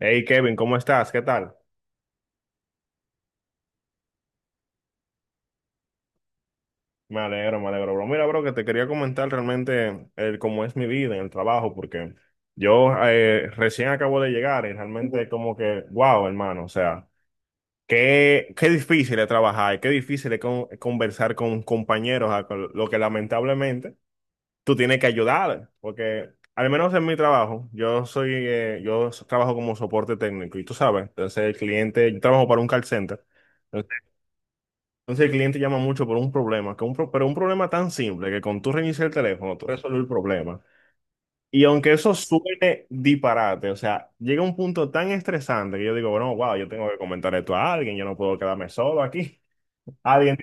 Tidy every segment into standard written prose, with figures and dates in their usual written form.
Hey Kevin, ¿cómo estás? ¿Qué tal? Me alegro, bro. Mira, bro, que te quería comentar realmente el, cómo es mi vida en el trabajo, porque yo recién acabo de llegar y realmente como que, wow, hermano, o sea, qué difícil es trabajar, qué difícil es conversar con compañeros, lo que lamentablemente tú tienes que ayudar, porque al menos en mi trabajo, yo trabajo como soporte técnico y tú sabes, entonces el cliente, yo trabajo para un call center. Entonces el cliente llama mucho por un problema, que pero un problema tan simple que con tú reiniciar el teléfono, tú resuelves el problema. Y aunque eso suene disparate, o sea, llega un punto tan estresante que yo digo, bueno, wow, yo tengo que comentar esto a alguien, yo no puedo quedarme solo aquí. Alguien.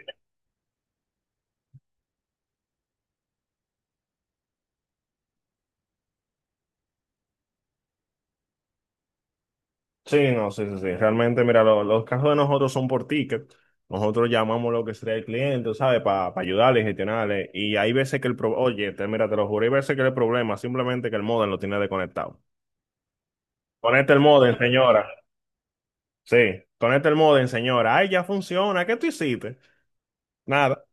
Sí, no, sí, sí, sí. Realmente, mira, los casos de nosotros son por ticket. Nosotros llamamos lo que sería el cliente, ¿sabes? Para ayudarle, gestionarle. Y hay veces que el problema, oye, mira, te lo juro, hay veces que el problema simplemente que el modem lo tiene desconectado. Conecta el modem, señora. Sí, conecta el modem, señora. Ay, ya funciona. ¿Qué tú hiciste? Nada.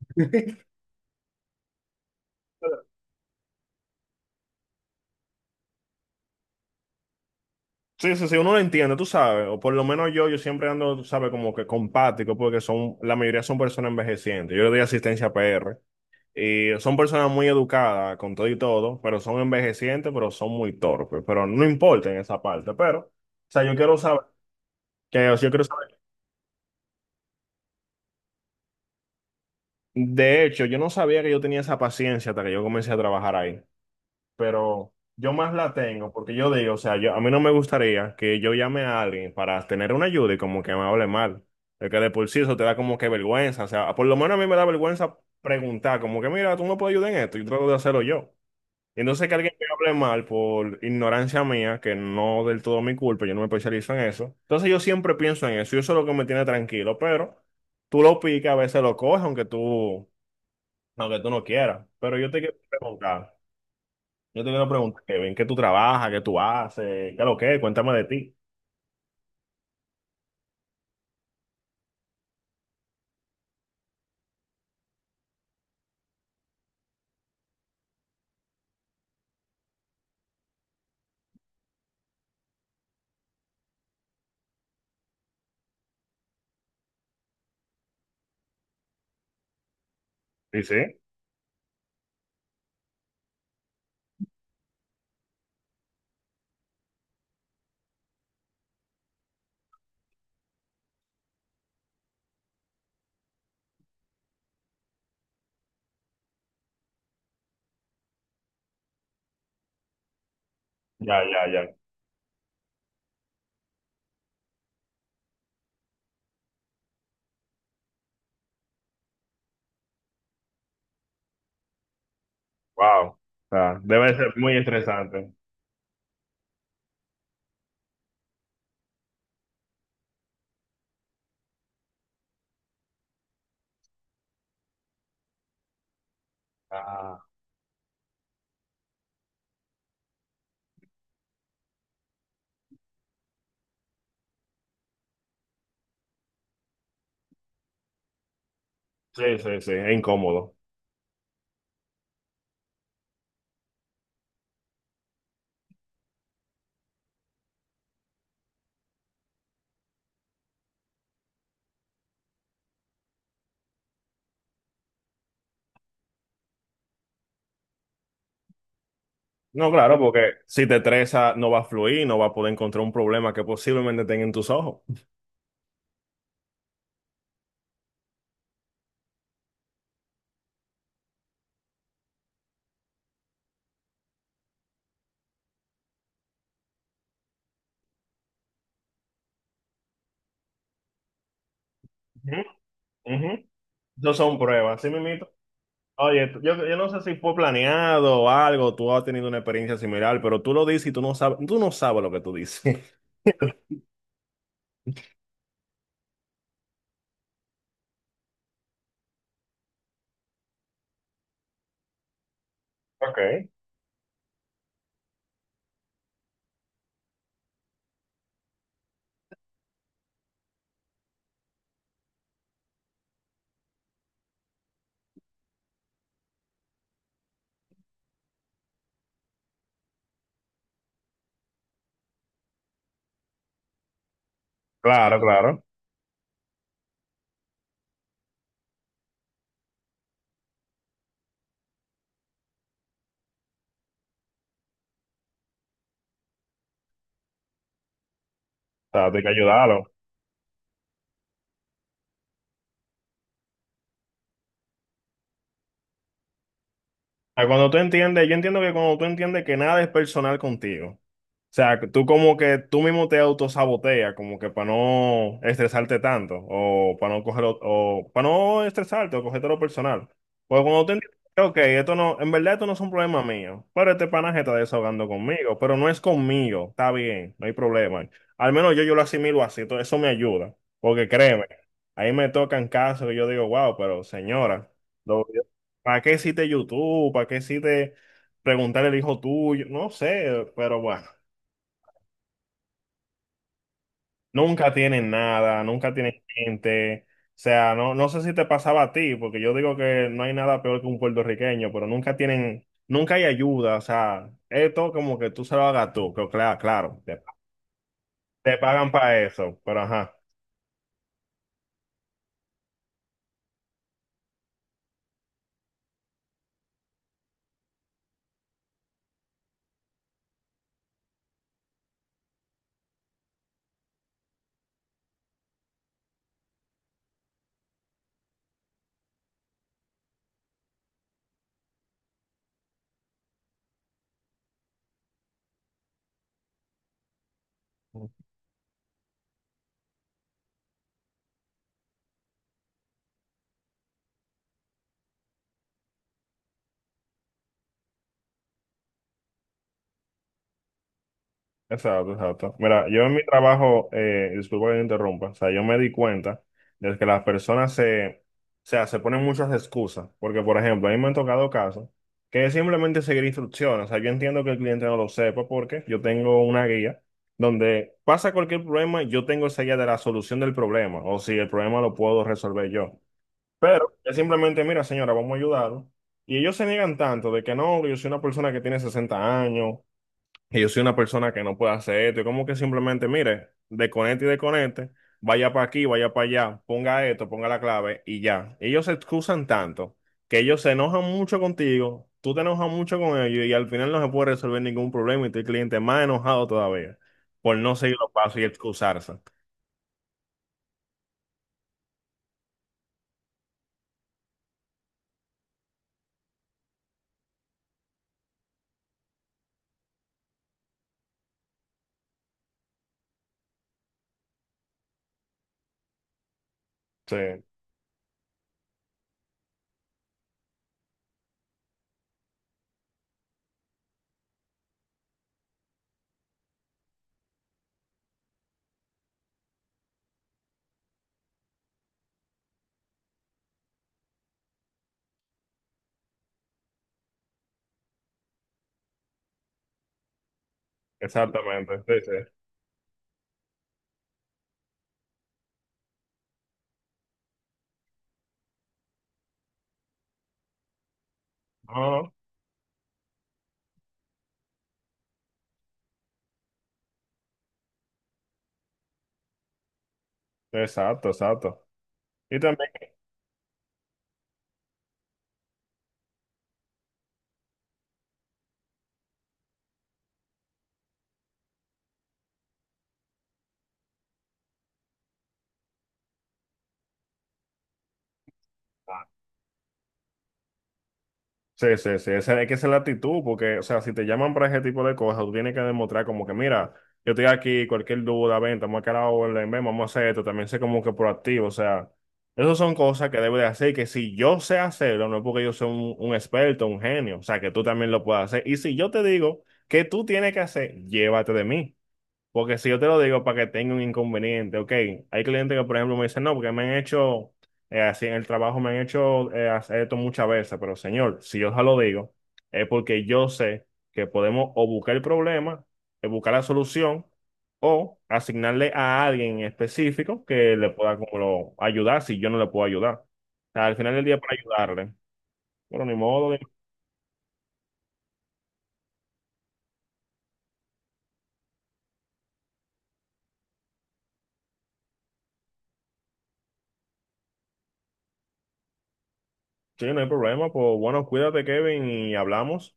Sí, sí, sí, uno lo entiende, tú sabes. O por lo menos yo siempre ando, tú sabes, como que compático, porque son, la mayoría son personas envejecientes. Yo le doy asistencia PR. Y son personas muy educadas, con todo y todo, pero son envejecientes, pero son muy torpes. Pero no importa en esa parte. Pero, o sea, yo quiero saber, que, o sea, yo quiero saber. De hecho, yo no sabía que yo tenía esa paciencia hasta que yo comencé a trabajar ahí. Pero yo más la tengo porque yo digo, o sea, yo, a mí no me gustaría que yo llame a alguien para tener una ayuda y como que me hable mal. El que de por sí eso te da como que vergüenza, o sea, por lo menos a mí me da vergüenza preguntar, como que mira, tú me puedes ayudar en esto, yo trato de hacerlo yo. Y entonces que alguien me hable mal por ignorancia mía, que no del todo mi culpa, yo no me especializo en eso. Entonces yo siempre pienso en eso y eso es lo que me tiene tranquilo, pero tú lo picas, a veces lo coges, aunque tú no quieras. Pero yo te quiero preguntar. Yo te quiero preguntar, Kevin, ¿qué tú trabajas? ¿Qué tú haces? ¿Qué es lo que es? Cuéntame de ti. Sí, sí. Ya, ya, ya. Wow. O sea, debe ser muy estresante. Ah, sí, sí, sí. Es incómodo. No, claro, porque si te estresa, no va a fluir, no va a poder encontrar un problema que posiblemente tenga en tus ojos. Ujú, ujú. Eso son pruebas, ¿sí, mimito? Oye, yo, yo no sé si fue planeado o algo, tú has tenido una experiencia similar, pero tú lo dices y tú no sabes lo que tú dices. Ok, claro, claro. O sea, hay que ayudarlo. A cuando tú entiendes, yo entiendo que cuando tú entiendes que nada es personal contigo, sea, tú como que tú mismo te autosaboteas, como que para no estresarte tanto, o para no cogerlo, o para no estresarte, o cogerte lo personal. Pues cuando tú entiendes, ok, esto no, en verdad esto no es un problema mío, pero este panaje está desahogando conmigo, pero no es conmigo, está bien, no hay problema. Al menos yo, yo lo asimilo así, entonces eso me ayuda, porque créeme, ahí me tocan casos que yo digo, wow, pero señora, lo- ¿para qué hiciste YouTube? ¿Para qué hiciste preguntarle al hijo tuyo? No sé, pero bueno. Nunca tienen nada, nunca tienen gente. O sea, no, no sé si te pasaba a ti, porque yo digo que no hay nada peor que un puertorriqueño, pero nunca tienen, nunca hay ayuda. O sea, esto como que tú se lo hagas tú, que claro, claro, te pagan para eso, pero ajá. Exacto, exacto. Mira, yo en mi trabajo, disculpa que te interrumpa, o sea, yo me di cuenta de que las personas o sea, se ponen muchas excusas, porque por ejemplo, a mí me han tocado casos que es simplemente seguir instrucciones, o sea, yo entiendo que el cliente no lo sepa porque yo tengo una guía donde pasa cualquier problema, yo tengo esa guía de la solución del problema, o si el problema lo puedo resolver yo. Pero es simplemente, mira, señora, vamos a ayudarlo. Y ellos se niegan tanto de que no, yo soy una persona que tiene 60 años, que yo soy una persona que no puede hacer esto. Y como que simplemente, mire, desconecte y desconecte, vaya para aquí, vaya para allá, ponga esto, ponga la clave y ya. Ellos se excusan tanto que ellos se enojan mucho contigo, tú te enojas mucho con ellos y al final no se puede resolver ningún problema y tu cliente más enojado todavía por no seguir los pasos y excusarse. Sí, exactamente. Sí, sí. No, no, no. Exacto, exacto. Y también. Sí, sí, sí, esa, es que esa es la actitud, porque, o sea, si te llaman para ese tipo de cosas, tú tienes que demostrar como que, mira, yo estoy aquí, cualquier duda, ven, estamos acá a la orden, ven, vamos a hacer esto, también sé como que proactivo, o sea, esas son cosas que debo de hacer, que si yo sé hacerlo, no es porque yo sea un experto, un genio, o sea, que tú también lo puedas hacer, y si yo te digo que tú tienes que hacer, llévate de mí. Porque si yo te lo digo para que tenga un inconveniente, ok. Hay clientes que, por ejemplo, me dicen, no, porque así en el trabajo me han hecho hacer esto muchas veces, pero señor, si yo ya lo digo, es porque yo sé que podemos o buscar el problema, buscar la solución, o asignarle a alguien en específico que le pueda como ayudar si yo no le puedo ayudar. O sea, al final del día para ayudarle. Bueno, ni modo, sí, no hay problema, pues bueno, cuídate, Kevin, y hablamos.